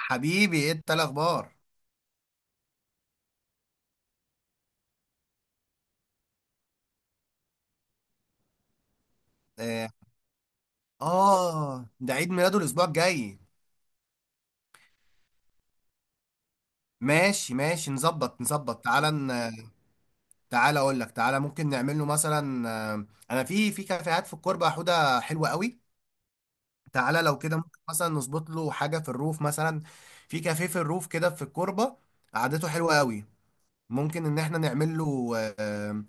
حبيبي، ايه إنت الاخبار؟ اه. ده عيد ميلاده الاسبوع الجاي. ماشي ماشي، نظبط نظبط، تعالى تعالى اقول لك. تعالى ممكن نعمل له مثلا، انا في كافيهات في الكوربه، حوده حلوه قوي. تعالى، لو كده ممكن مثلا نظبط له حاجه في الروف مثلا. في كافيه في الروف كده في الكوربه. قعدته حلوه قوي. ممكن ان احنا نعمل له. آه،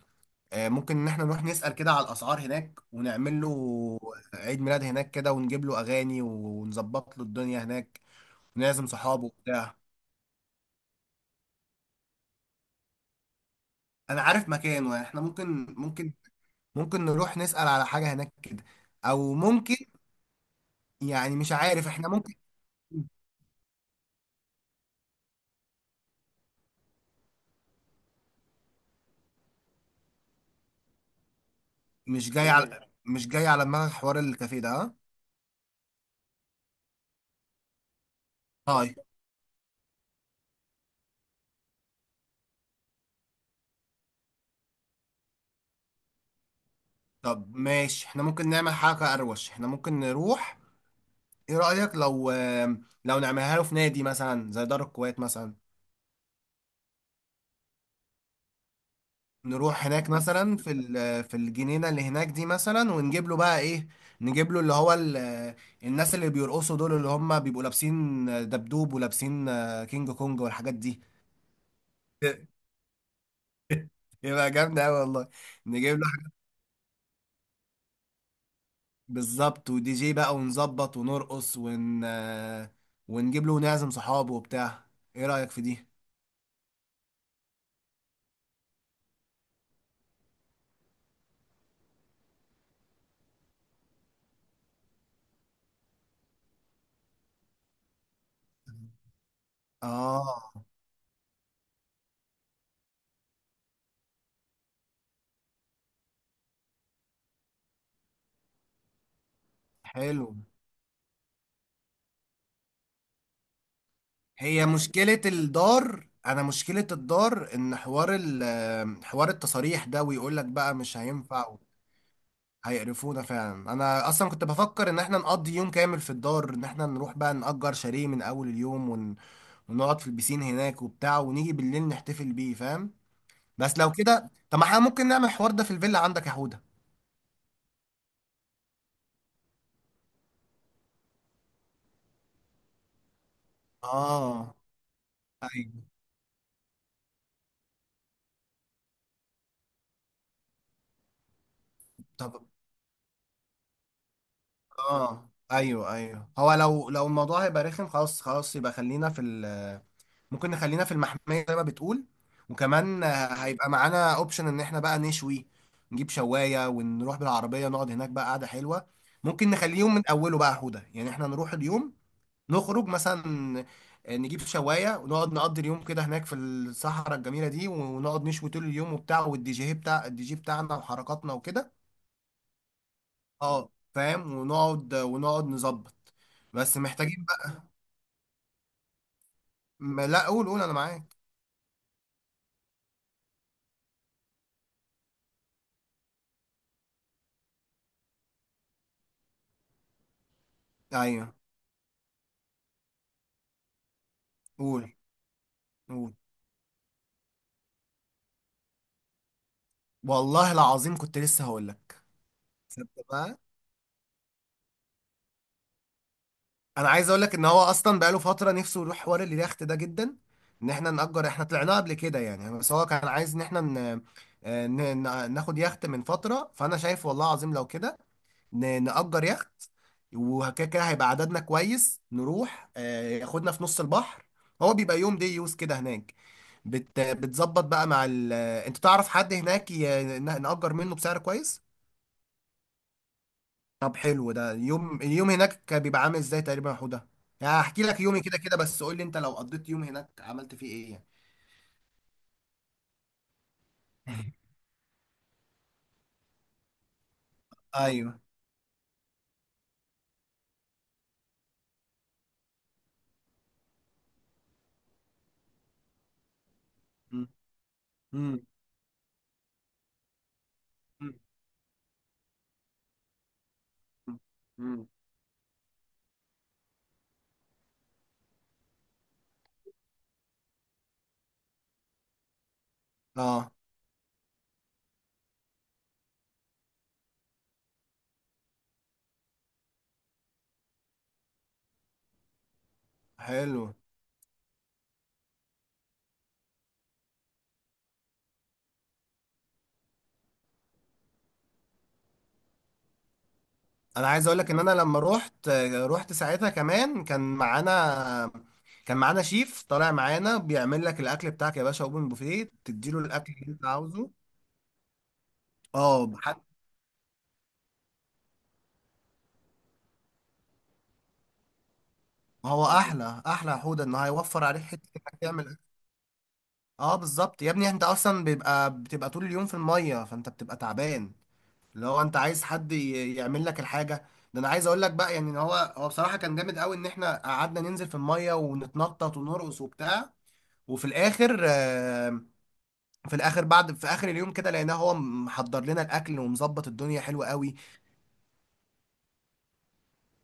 آه، ممكن ان احنا نروح نسأل كده على الاسعار هناك ونعمل له عيد ميلاد هناك كده، ونجيب له اغاني، ونظبط له الدنيا هناك. لازم صحابه وبتاع. انا عارف مكانه، يعني احنا ممكن نروح نسأل على حاجة هناك كده. او ممكن، يعني مش عارف احنا ممكن. مش جاي على دماغك حوار الكافيه ده، ها؟ طيب. طب ماشي، احنا ممكن نعمل حاجة اروش، احنا ممكن نروح. ايه رأيك، لو نعملها له في نادي مثلا، زي دار الكويت مثلا؟ نروح هناك مثلا، في ال- آه، في الجنينه اللي هناك دي مثلا، ونجيب له بقى ايه. نجيب له اللي هو. الناس اللي بيرقصوا دول، اللي هم بيبقوا لابسين دبدوب ولابسين كينج كونج والحاجات دي. يبقى جامدة أوي والله. نجيب له حاجة. بالظبط، ودي جي بقى، ونظبط ونرقص ون آه، ونجيب له ونعزم صحابه وبتاع. ايه رأيك في دي؟ اه، حلو. هي مشكلة الدار، إن حوار التصاريح ده، ويقول لك بقى مش هينفع. هيقرفونا فعلا. أنا أصلا كنت بفكر إن إحنا نقضي يوم كامل في الدار، إن إحنا نروح بقى نأجر شاليه من أول اليوم ونقعد في البسين هناك وبتاع، ونيجي بالليل نحتفل بيه، فاهم. بس لو كده، طب ما إحنا ممكن نعمل الحوار ده في الفيلا عندك يا حودة. آه أيوه. طب آه أيوه أيوه، هو لو الموضوع هيبقى رخم، خلاص خلاص، يبقى خلينا في. ممكن نخلينا في المحمية زي ما بتقول. وكمان، هيبقى معانا اوبشن ان احنا بقى نشوي. نجيب شواية، ونروح بالعربية نقعد هناك بقى قعدة حلوة. ممكن نخليه يوم من اوله بقى هدى، يعني احنا نروح اليوم. نخرج مثلا. نجيب شواية ونقعد نقضي اليوم كده هناك في الصحراء الجميلة دي، ونقعد نشوي طول اليوم وبتاع، والدي جي، بتاع الدي جي بتاعنا وحركاتنا وكده. اه فاهم، ونقعد نظبط. بس محتاجين. بقى لا، قول قول، انا معاك. ايوه، قول قول. والله العظيم كنت لسه هقول لك. صدق بقى. انا عايز اقول لك ان هو اصلا بقاله فتره نفسه يروح حوار اليخت ده جدا. ان احنا نأجر، احنا طلعناه قبل كده يعني، بس هو كان عايز ان احنا آه، ن... ناخد يخت من فتره. فانا شايف والله العظيم، لو كده. نأجر يخت. وكده كده هيبقى عددنا كويس، نروح ياخدنا في نص البحر. هو بيبقى يوم دي يوز كده هناك. بتظبط بقى مع ال... آه، انت تعرف حد هناك، نأجر منه بسعر كويس. طب حلو ده. اليوم هناك بيبقى عامل ازاي تقريبا يا حوده؟ يعني هحكي لك يومي كده كده، بس قول لي انت لو قضيت يوم هناك عملت فيه ايه يعني. ايوه. مم. مم. مم. مم. اه، حلو. انا عايز اقول لك ان انا لما رحت ساعتها، كمان كان معانا شيف طالع معانا، بيعمل لك الاكل بتاعك يا باشا، اوبن بوفيه، تديله الاكل اللي انت عاوزه. اه. هو احلى احلى يا حوده، انه هيوفر عليك حته انك تعمل. اه بالظبط يا ابني، انت اصلا بتبقى طول اليوم في الميه، فانت بتبقى تعبان. اللي هو انت عايز حد يعمل لك الحاجه. ده انا عايز اقول لك بقى يعني، ان هو هو بصراحه كان جامد قوي، ان احنا قعدنا ننزل في الميه ونتنطط ونرقص وبتاع. وفي الاخر، في الاخر، بعد، في اخر اليوم كده، لقيناه هو محضر لنا الاكل ومظبط الدنيا حلوه قوي.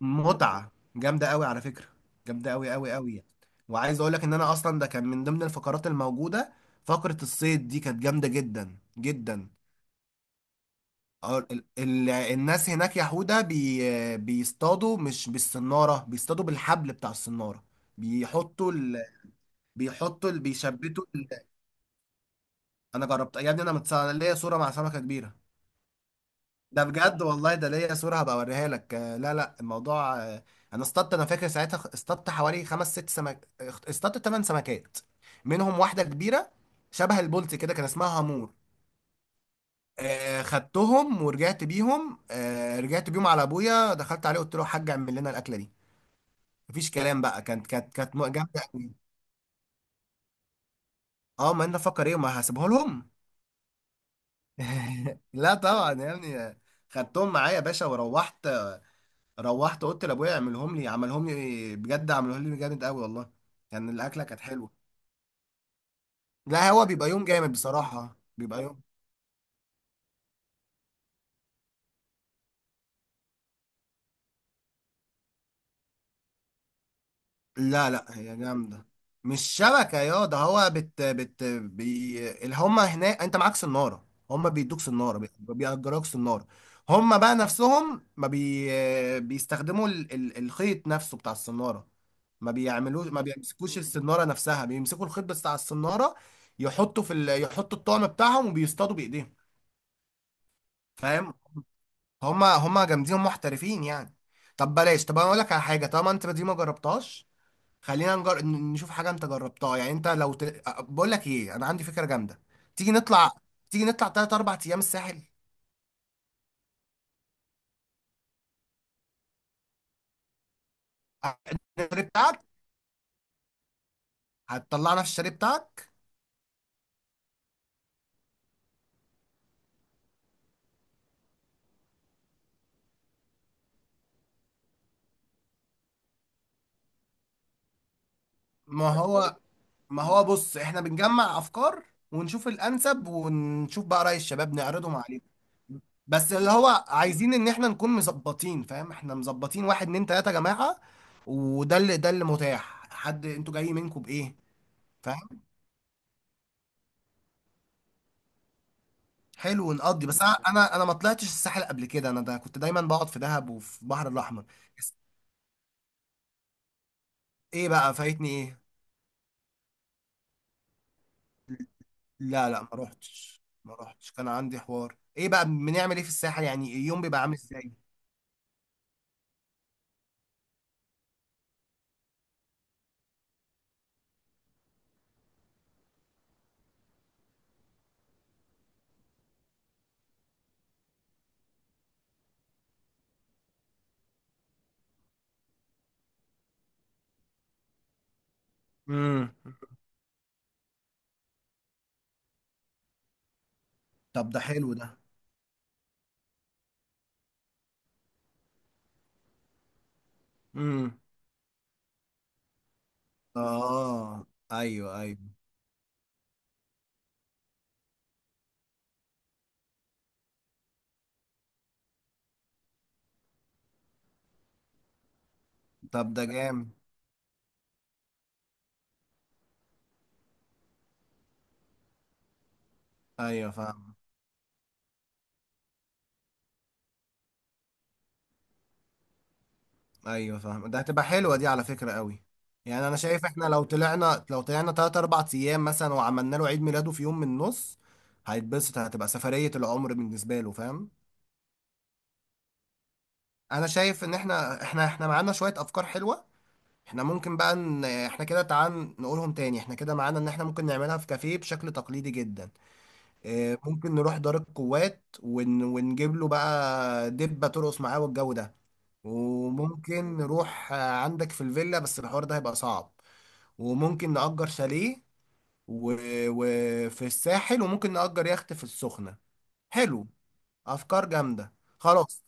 متعه جامده قوي على فكره. جامده قوي قوي قوي. وعايز اقول لك ان انا اصلا ده كان من ضمن الفقرات الموجوده. فقره الصيد دي كانت جامده جدا جدا. اه، الناس هناك يهودا بيصطادوا مش بالصنارة، بيصطادوا بالحبل بتاع الصنارة. بيحطوا بيحطوا بيشبتوا انا جربت يا ابني. انا انا ليا صورة مع سمكة كبيرة. ده بجد والله، ده ليا صورة هبقى اوريها لك. لا لا الموضوع. انا فاكر ساعتها اصطدت حوالي 5 6 سمك. اصطدت 8 سمكات، منهم واحدة كبيرة شبه البولت كده، كان اسمها هامور. خدتهم ورجعت بيهم. رجعت بيهم على ابويا، دخلت عليه قلت له يا حاج اعمل لنا الاكله دي. مفيش كلام بقى، كانت جامده قوي. اه ما انا فكر ايه، ما هسيبها لهم. لا طبعا يا ابني. خدتهم معايا يا باشا وروحت. روحت قلت لابويا، اعملهم لي، عملهم لي بجد، عملهم لي جامد قوي والله. كان الاكله كانت حلوه. لا، هو بيبقى يوم جامد بصراحه، بيبقى يوم. لا لا، هي جامدة. مش شبكة يا ده. هو بت بت بي اللي هما هناك، انت معاك سنارة، هما بيدوك سنارة، بيأجروك سنارة. هما بقى نفسهم ما بيستخدموا الخيط نفسه بتاع السنارة. ما بيعملوش، ما بيمسكوش السنارة نفسها، بيمسكوا الخيط بس بتاع السنارة. يحطوا في. يحطوا الطعم بتاعهم، وبيصطادوا بإيديهم. فاهم. هما جامدين، هما محترفين يعني. طب بلاش، طب انا اقول لك على حاجة طالما انت دي ما جربتهاش. خلينا نشوف حاجة انت جربتها، يعني انت بقول لك ايه، انا عندي فكرة جامدة. تيجي نطلع تيجي نطلع 3 4 ايام الساحل. الشاليه بتاعك. هتطلعنا في الشاليه بتاعك؟ ما هو ما هو بص، احنا بنجمع افكار. ونشوف الانسب، ونشوف بقى رأي الشباب نعرضهم عليهم. بس اللي هو عايزين ان احنا نكون مظبطين، فاهم، احنا مظبطين واحد اتنين تلاتة يا جماعة. وده اللي ده اللي متاح. حد انتوا جايين منكم بايه؟ حلو، نقضي. بس انا انا أنا ما طلعتش الساحل قبل كده، انا ده كنت دايما بقعد في دهب وفي البحر الاحمر. بس. ايه بقى فايتني، ايه؟ لا لا، ما روحتش. كان عندي حوار، ايه بقى بنعمل ايه في الساحل يعني، اليوم بيبقى عامل ازاي؟ امم. طب ده حلو ده. امم. اه. ايوه ايوه. طب ده جامد. ايوه ايوه فاهم، ده هتبقى حلوه دي على فكره قوي. يعني انا شايف، احنا لو طلعنا 3 4 ايام مثلا، وعملنا له عيد ميلاده في يوم من النص. هيتبسط، هتبقى سفريه العمر بالنسبه له، فاهم. انا شايف ان احنا معانا شويه افكار حلوه. احنا ممكن بقى ان احنا كده، تعال نقولهم تاني، احنا كده معانا ان احنا ممكن نعملها في كافيه بشكل تقليدي جدا. اه، ممكن نروح دار القوات ونجيب له بقى دبة ترقص معاه، والجو ده. وممكن نروح عندك في الفيلا، بس الحوار ده هيبقى صعب. وممكن نأجر شاليه. وفي و... وفي الساحل. وممكن نأجر يخت في السخنة. حلو، أفكار جامدة. خلاص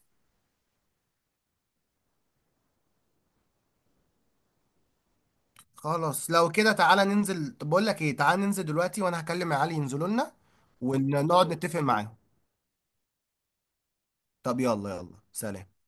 خلاص، لو كده تعالى ننزل. طب بقول لك ايه، تعالى ننزل دلوقتي، وانا هكلم علي ينزلوا لنا. ونقعد نتفق معاهم. طب يلا يلا، سلام.